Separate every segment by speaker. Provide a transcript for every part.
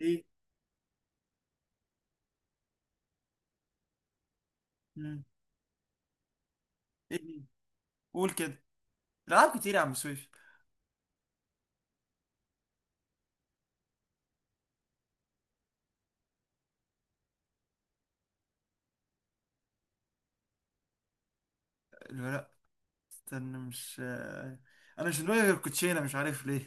Speaker 1: ايه. مم. ايه دي؟ قول كده. العاب كتير يا عم سويف. لا لا، استنى، مش انا مش دماغي غير الكوتشينه، مش عارف ليه.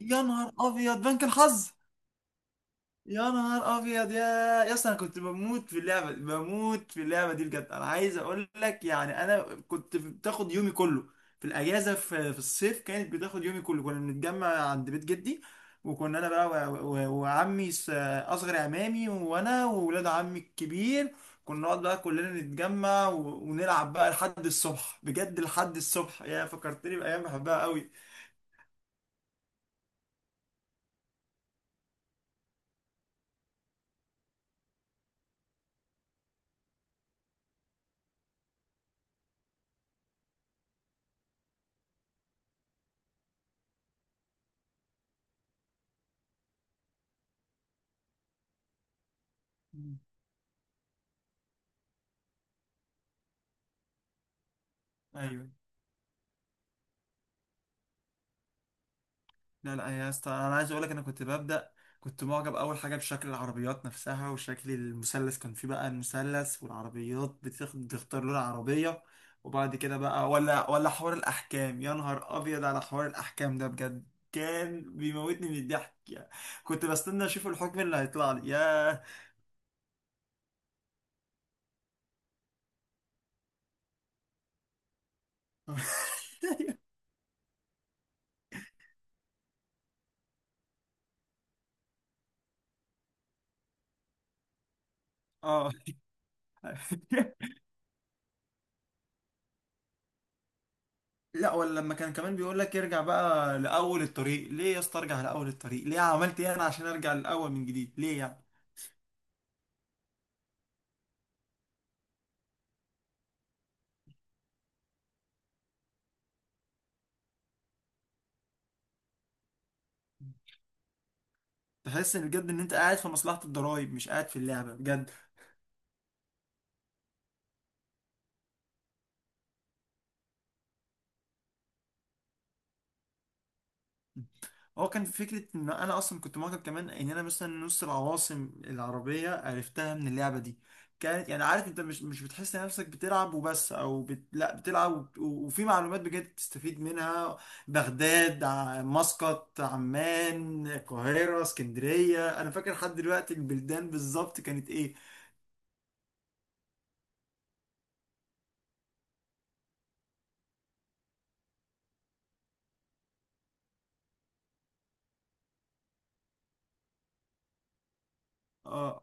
Speaker 1: يا نهار ابيض، بنك الحظ! يا نهار ابيض يا، يا اسطى، انا كنت بموت في اللعبه، دي بجد. انا عايز اقول لك يعني، انا كنت بتاخد يومي كله في الاجازه، في الصيف كانت بتاخد يومي كله. كنا بنتجمع عند بيت جدي، وكنا انا بقى وعمي اصغر عمامي وانا وولاد عمي الكبير. كنا نقعد بقى كلنا نتجمع ونلعب بقى لحد الصبح، بجد لحد الصبح. يا فكرتني بايام بحبها قوي. ايوه. لا لا يا اسطى، انا عايز اقول لك، انا كنت كنت معجب اول حاجه بشكل العربيات نفسها وشكل المثلث. كان فيه بقى المثلث، والعربيات بتختار لون عربيه. وبعد كده بقى، ولا حوار الاحكام! يا نهار ابيض على حوار الاحكام ده بجد، كان بيموتني من الضحك يعني. كنت بستنى اشوف الحكم اللي هيطلع لي، ياه. اه لا، ولا لما كان كمان بيقول لك ارجع بقى لاول الطريق ليه؟ يا اسطى ارجع لاول الطريق ليه، عملت ايه انا عشان ارجع لاول من جديد ليه يعني؟ تحس ان بجد ان انت قاعد في مصلحة الضرايب، مش قاعد في اللعبة بجد. هو كان فكرة ان انا اصلا كنت معجب كمان، ان انا مثلا نص العواصم العربية عرفتها من اللعبة دي. كانت يعني، عارف انت مش بتحس نفسك بتلعب وبس او لا، بتلعب وفي معلومات بجد تستفيد منها. بغداد، مسقط، عمان، القاهرة، اسكندرية، انا فاكر لحد دلوقتي البلدان بالظبط كانت ايه. اه.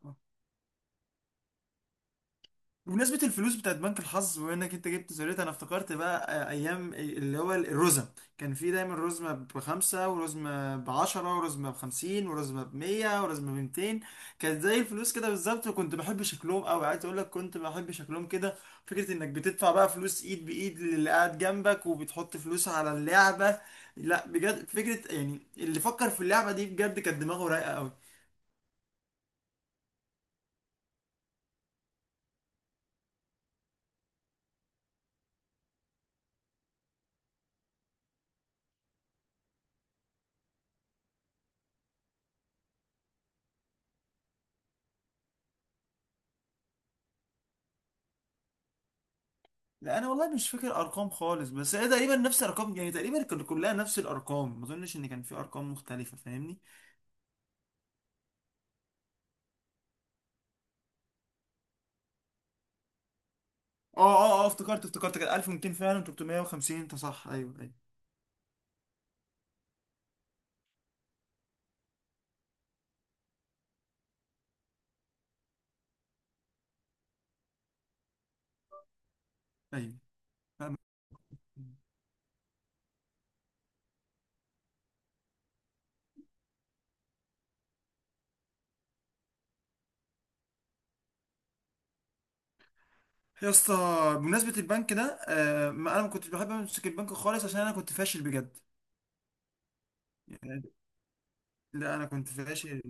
Speaker 1: بمناسبة الفلوس بتاعت بنك الحظ، بما انك انت جبت سيرتها، انا افتكرت بقى ايام اللي هو الرزم. كان في دايما رزمة بخمسة، ورزمة بعشرة، ورزمة بخمسين، ورزمة بمية، ورزمة بميتين. كانت زي الفلوس كده بالظبط، وكنت بحب شكلهم اوي. عايز اقول لك كنت بحب شكلهم كده. فكرة انك بتدفع بقى فلوس ايد بايد للي قاعد جنبك، وبتحط فلوس على اللعبة. لا بجد، فكرة يعني، اللي فكر في اللعبة دي بجد كانت دماغه رايقة اوي. لا انا والله مش فاكر ارقام خالص، بس هي تقريبا نفس الارقام، يعني تقريبا كانت كلها نفس الارقام، ما اظنش ان كان في ارقام مختلفه، فاهمني. اه اه اه، افتكرت كانت 1200 فعلا، 350، انت صح، ايوه ايوه ايوه، فاهم. يا اسطى، بمناسبه البنك ده، آه ما انا ما كنتش بحب امسك البنك خالص، عشان انا كنت فاشل بجد. يعني، لا انا كنت فاشل.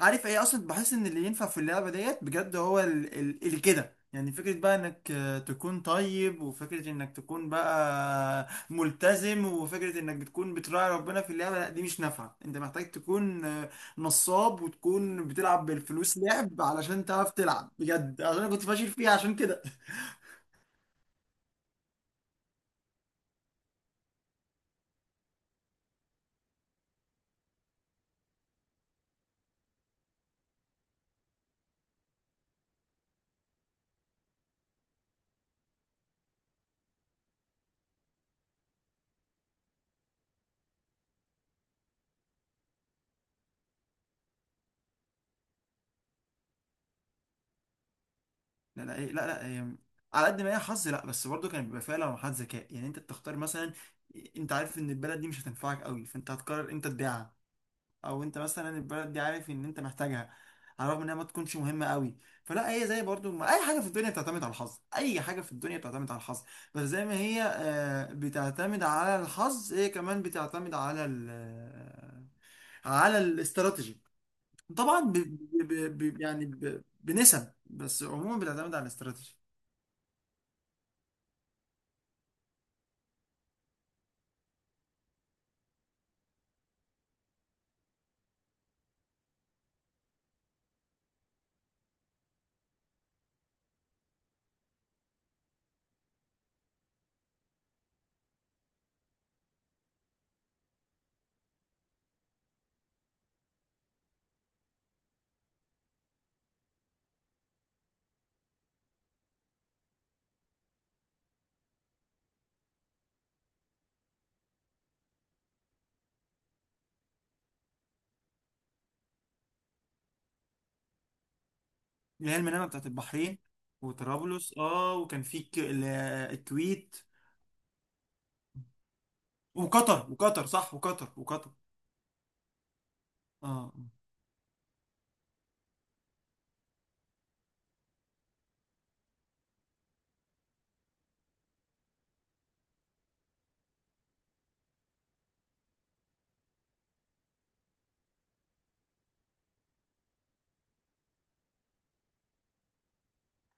Speaker 1: عارف ايه اصلا، بحس ان اللي ينفع في اللعبه ديت بجد هو اللي كده يعني. فكره بقى انك تكون طيب، وفكره انك تكون بقى ملتزم، وفكره انك بتكون بتراعي ربنا في اللعبه، لا دي مش نافعه. انت محتاج تكون نصاب، وتكون بتلعب بالفلوس لعب، علشان تعرف تلعب بجد، عشان انا كنت فاشل فيها عشان كده. لا لا إيه، لا لا إيه. على قد ما هي حظ، لا بس برضه كان بيبقى فيها لمحات ذكاء. يعني انت بتختار مثلا، انت عارف ان البلد دي مش هتنفعك قوي، فانت هتقرر امتى تبيعها. او انت مثلا البلد دي، عارف ان انت محتاجها، على الرغم انها ما تكونش مهمه قوي. فلا هي زي برضو ما اي حاجه في الدنيا بتعتمد على الحظ، اي حاجه في الدنيا بتعتمد على الحظ. بس زي ما هي بتعتمد على الحظ، هي كمان بتعتمد على ال آه، على الاستراتيجي. طبعا يعني بنسب، بس عموما بتعتمد على الاستراتيجي. اللي هي المنامه بتاعت البحرين، وطرابلس، اه. وكان في الكويت، وقطر صح، وقطر. اه.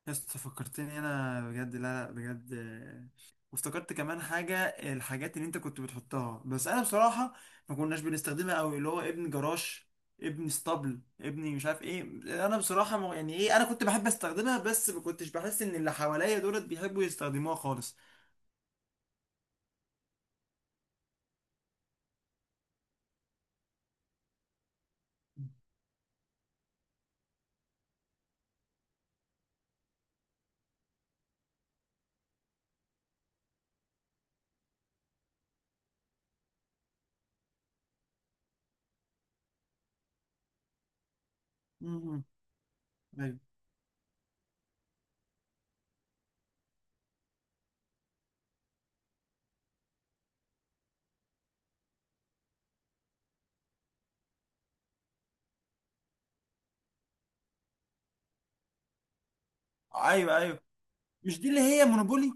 Speaker 1: يسطا فكرتني، انا بجد، لا. لا بجد، وافتكرت كمان حاجه، الحاجات اللي انت كنت بتحطها. بس انا بصراحه ما كناش بنستخدمها قوي، اللي هو ابن جراش، ابن اسطبل، ابني، مش عارف ايه. انا بصراحه يعني ايه، انا كنت بحب استخدمها، بس ما كنتش بحس ان اللي حواليا دولت بيحبوا يستخدموها خالص. مم. ايوه ايوه ايوه، مش دي اللي هي مونوبولي؟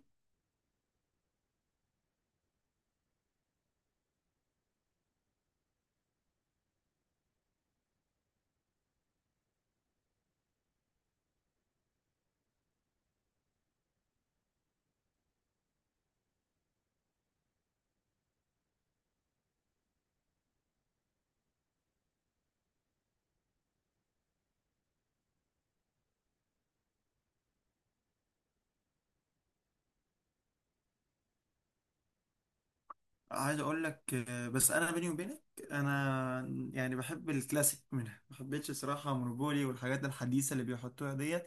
Speaker 1: عايز اقول لك بس انا بيني وبينك، انا يعني بحب الكلاسيك منها. ما حبيتش صراحه مونوبولي والحاجات الحديثه اللي بيحطوها ديت.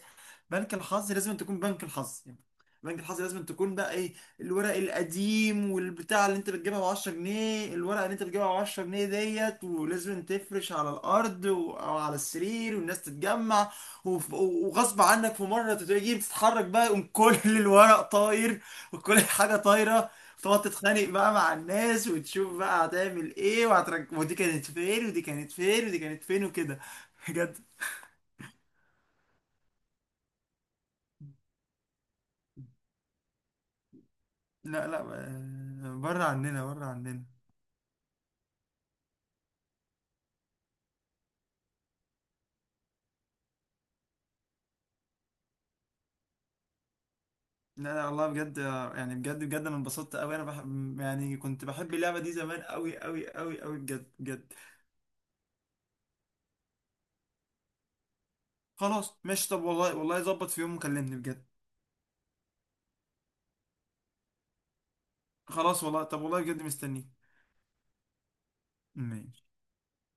Speaker 1: بنك الحظ لازم تكون بنك الحظ يعني. بنك الحظ لازم تكون بقى ايه، الورق القديم والبتاع، اللي انت بتجيبها ب 10 جنيه، الورقه اللي انت بتجيبها ب 10 جنيه ديت، ولازم تفرش على الارض او على السرير، والناس تتجمع. وغصب عنك في مره تيجي بتتحرك بقى، يقوم كل الورق طاير، وكل حاجه طايره. تقعد تتخانق بقى مع الناس، وتشوف بقى هتعمل ايه، ودي كانت فين، ودي كانت فين، ودي كانت فين، وكده. لا لا، بره عننا، بره عننا. لا لا والله بجد، يعني بجد بجد، انا انبسطت قوي، انا بحب يعني، كنت بحب اللعبه دي زمان، قوي قوي قوي قوي، بجد بجد. خلاص ماشي، طب والله والله، ظبط في يوم وكلمني بجد. خلاص والله، طب والله بجد مستنيك. ماشي.